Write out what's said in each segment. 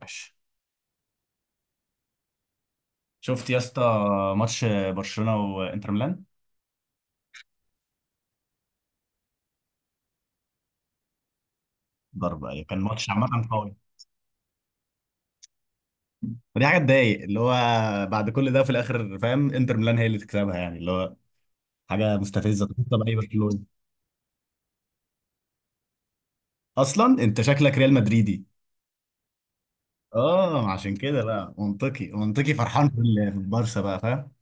ماشي. شفت يا اسطى ماتش برشلونه وانتر ميلان؟ ضرب، أيوة. كان ماتش عامه قوي. ودي حاجه تضايق، اللي هو بعد كل ده في الاخر فاهم، انتر ميلان هي اللي تكسبها، يعني اللي هو حاجه مستفزه. طب اي برشلونه؟ اصلا انت شكلك ريال مدريدي. اه، عشان كده بقى منطقي، منطقي فرحان في البارسا بقى، فاهم.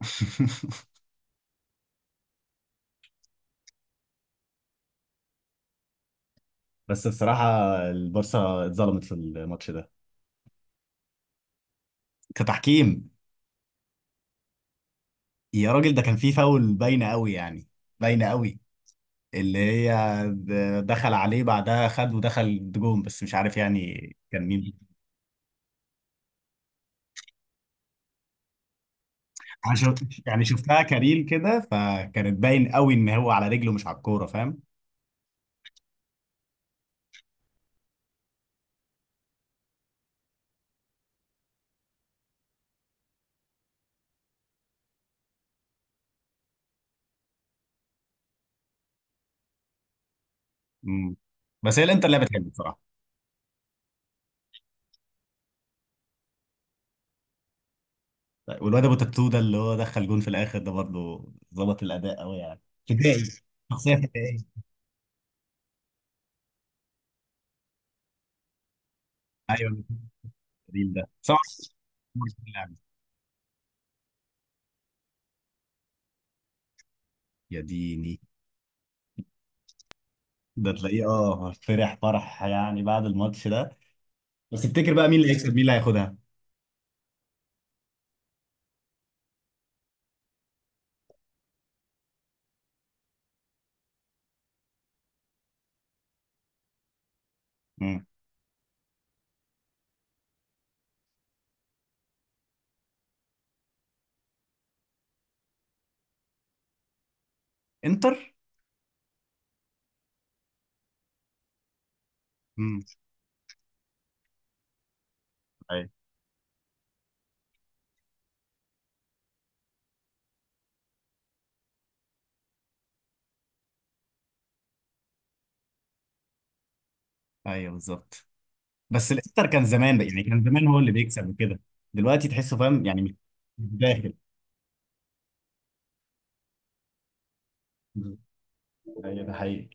بس بصراحه، البارسا اتظلمت في الماتش ده، كتحكيم. يا راجل، ده كان فيه فاول باينه قوي يعني، باينه قوي. اللي هي دخل عليه بعدها، خد ودخل جون، بس مش عارف يعني كان مين. انا شفت، يعني شفتها كريل كده، فكانت باين قوي ان هو على رجله مش على الكوره، فاهم. مم. بس هي الانتر لعبت حلو بصراحه. طيب، والواد ابو تاتو ده اللي هو دخل جون في الاخر ده برضه، ظبط الاداء قوي يعني. فدائي، شخصيه فدائيه. ايوه، كريل ده سمع اللعب. يا ديني. ده تلاقيه اه، فرح فرح يعني بعد الماتش ده. بس تفتكر بقى مين اللي هيكسب، مين اللي هياخدها؟ مم. انتر. ايوه، ايوه، بالظبط. بس الانتر كان زمان بقى، يعني كان زمان هو اللي بيكسب وكده. دلوقتي تحسه فاهم، يعني مش داخل. ايوه ده حقيقي.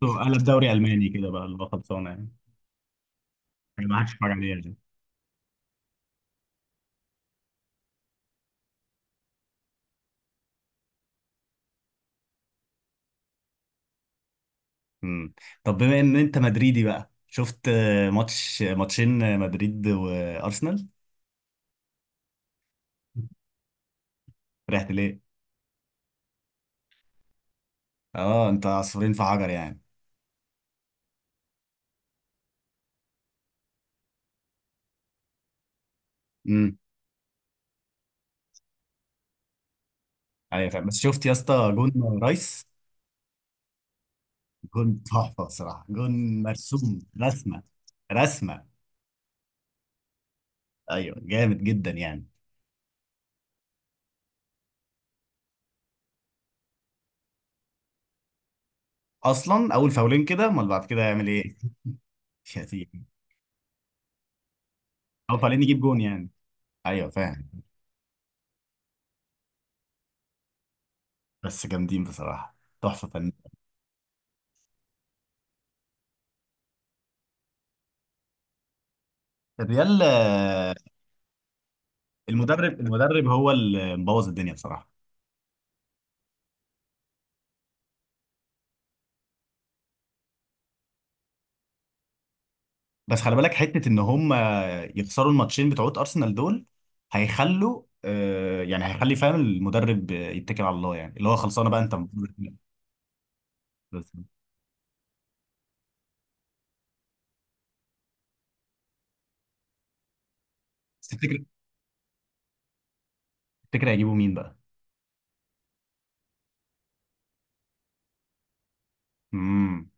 تحسه قلب دوري الماني كده بقى، اللي هو خلصانه يعني ما حدش يتفرج عليه يعني. امم طب بما ان انت مدريدي بقى، شفت ماتشين مدريد وارسنال؟ رحت ليه؟ اه، انت عصفورين في حجر يعني. امم. ايوه فاهم. بس شفت يا اسطى، جون رايس. جون تحفه بصراحه، جون مرسوم رسمه. رسمه. ايوه، جامد جدا يعني. اصلا اول فاولين كده، امال بعد كده هيعمل ايه؟ شتيم. اول فاولين يجيب جون يعني. ايوه فاهم. بس جامدين بصراحه، تحفه فنيه. الريال. المدرب هو اللي مبوظ الدنيا بصراحه. بس خلي بالك حته ان هم يخسروا الماتشين بتوعت ارسنال دول، هيخلوا آه، يعني هيخلي، فاهم، المدرب يتكل على الله يعني، اللي هو خلصانه بقى انت مدرب. بس بس تفتكر هيجيبوا مين بقى؟ امم.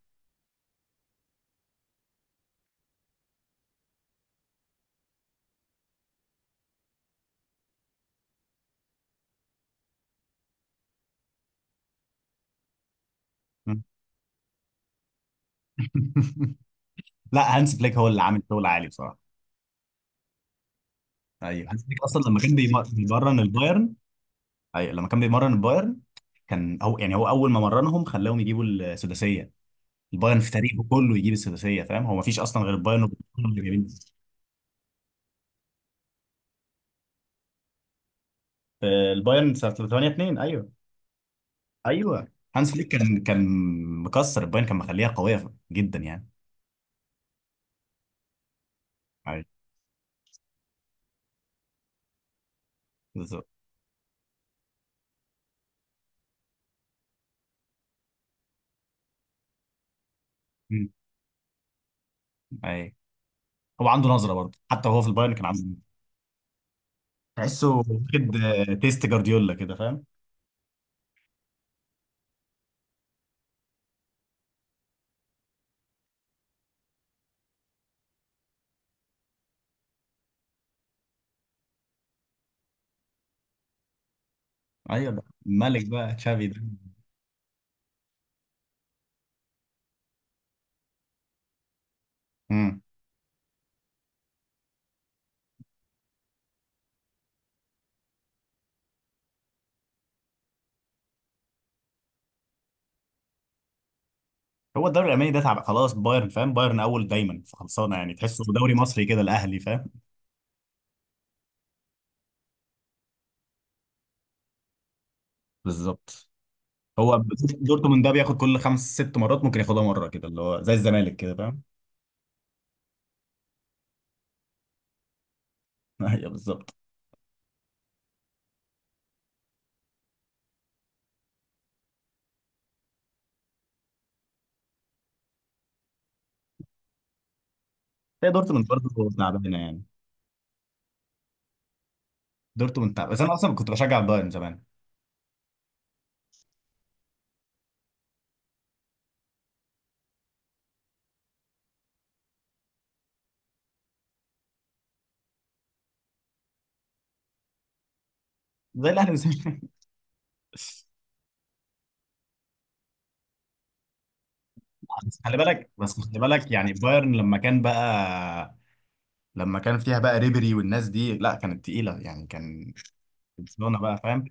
لا، هانس فليك هو اللي عامل شغل عالي بصراحه. ايوه، هانس فليك اصلا لما كان بيمرن البايرن. أيوة. لما كان بيمرن البايرن، كان هو يعني، هو اول ما مرنهم خلاهم يجيبوا السداسيه. البايرن في تاريخه كله يجيب السداسيه، فاهم، هو ما فيش اصلا غير البايرن وبرشلونة اللي جايبين. البايرن سنه 8-2. ايوه، ايوه، هانس فليك كان مكسر البايرن، كان مخليها قويه جدا يعني. ايوه بالظبط. مم. ايوه، هو عنده نظره برضه، حتى وهو في البايرن كان عنده نظرة. تحسه واخد تيست جارديولا كده، فاهم. ايوه، ده الملك بقى، تشافي ده. مم. هو الدوري الالماني ده تعب خلاص، بايرن فاهم، بايرن اول دايما فخلصانه يعني، تحسه دوري مصري كده الاهلي، فاهم بالظبط. هو دورتموند ده بياخد كل خمس ست مرات، ممكن ياخدها مره كده، اللي هو زي الزمالك كده، فاهم. ايوه بالظبط. هي دورتموند برضه تعبانه يعني، دورتموند تعب. بس انا اصلا كنت بشجع بايرن زمان. زي الاهلي بالظبط. بس خلي بالك يعني، بايرن لما كان فيها بقى ريبري والناس دي، لا كانت تقيله يعني، كان، برشلونه بقى، فاهم،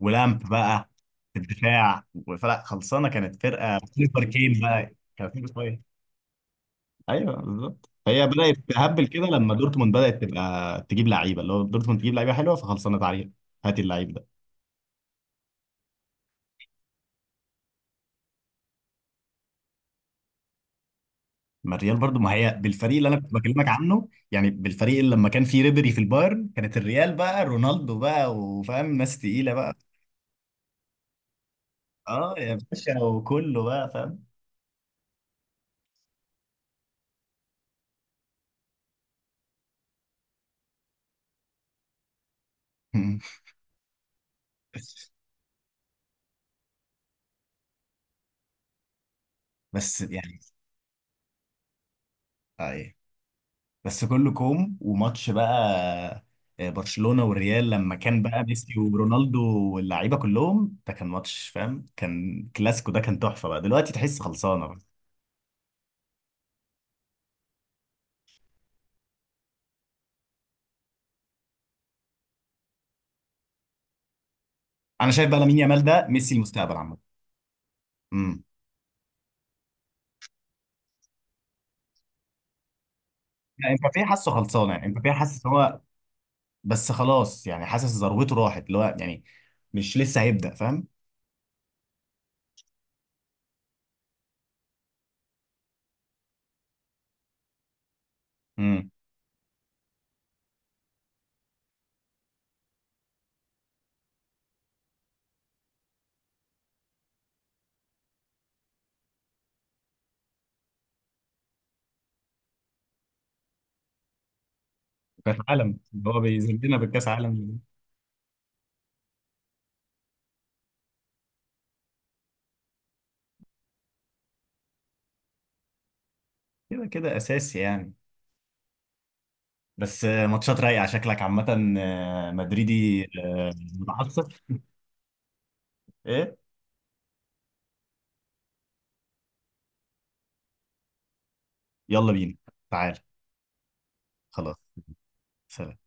ولامب بقى في الدفاع، فلا خلصانه كانت فرقه سوبر كين بقى، كان في بصوية. ايوه بالظبط، هي بدات تهبل كده لما دورتموند بدات تبقى تجيب لعيبه، اللي هو دورتموند تجيب لعيبه حلوه، فخلصانه تعالى هات اللعيب ده. ما الريال برضو، ما هي بالفريق اللي انا كنت بكلمك عنه، يعني بالفريق اللي لما كان فيه ريبري في البايرن، كانت الريال بقى رونالدو بقى وفاهم ناس تقيله بقى. اه يا باشا، وكله بقى فاهم. بس يعني اي، بس كله كوم وماتش بقى، برشلونة والريال لما كان بقى ميسي ورونالدو واللعيبة كلهم، ده كان ماتش فاهم، كان كلاسيكو، ده كان تحفة بقى، دلوقتي تحس خلصانة بقى. انا شايف بقى لامين يامال ده ميسي المستقبل عامة. امم. لا، امبابي حاسه خلصانة يعني، امبابي حاسس هو. بس خلاص يعني، حاسس ذروته راحت، اللي هو يعني مش لسه هيبدأ، فاهم. امم. كاس عالم اللي هو بيذلنا بالكاس عالم. كده كده اساسي يعني. بس ماتشات رايقه شكلك عامه، مدريدي، متعصب. ايه؟ يلا بينا، تعال. خلاص. سلام.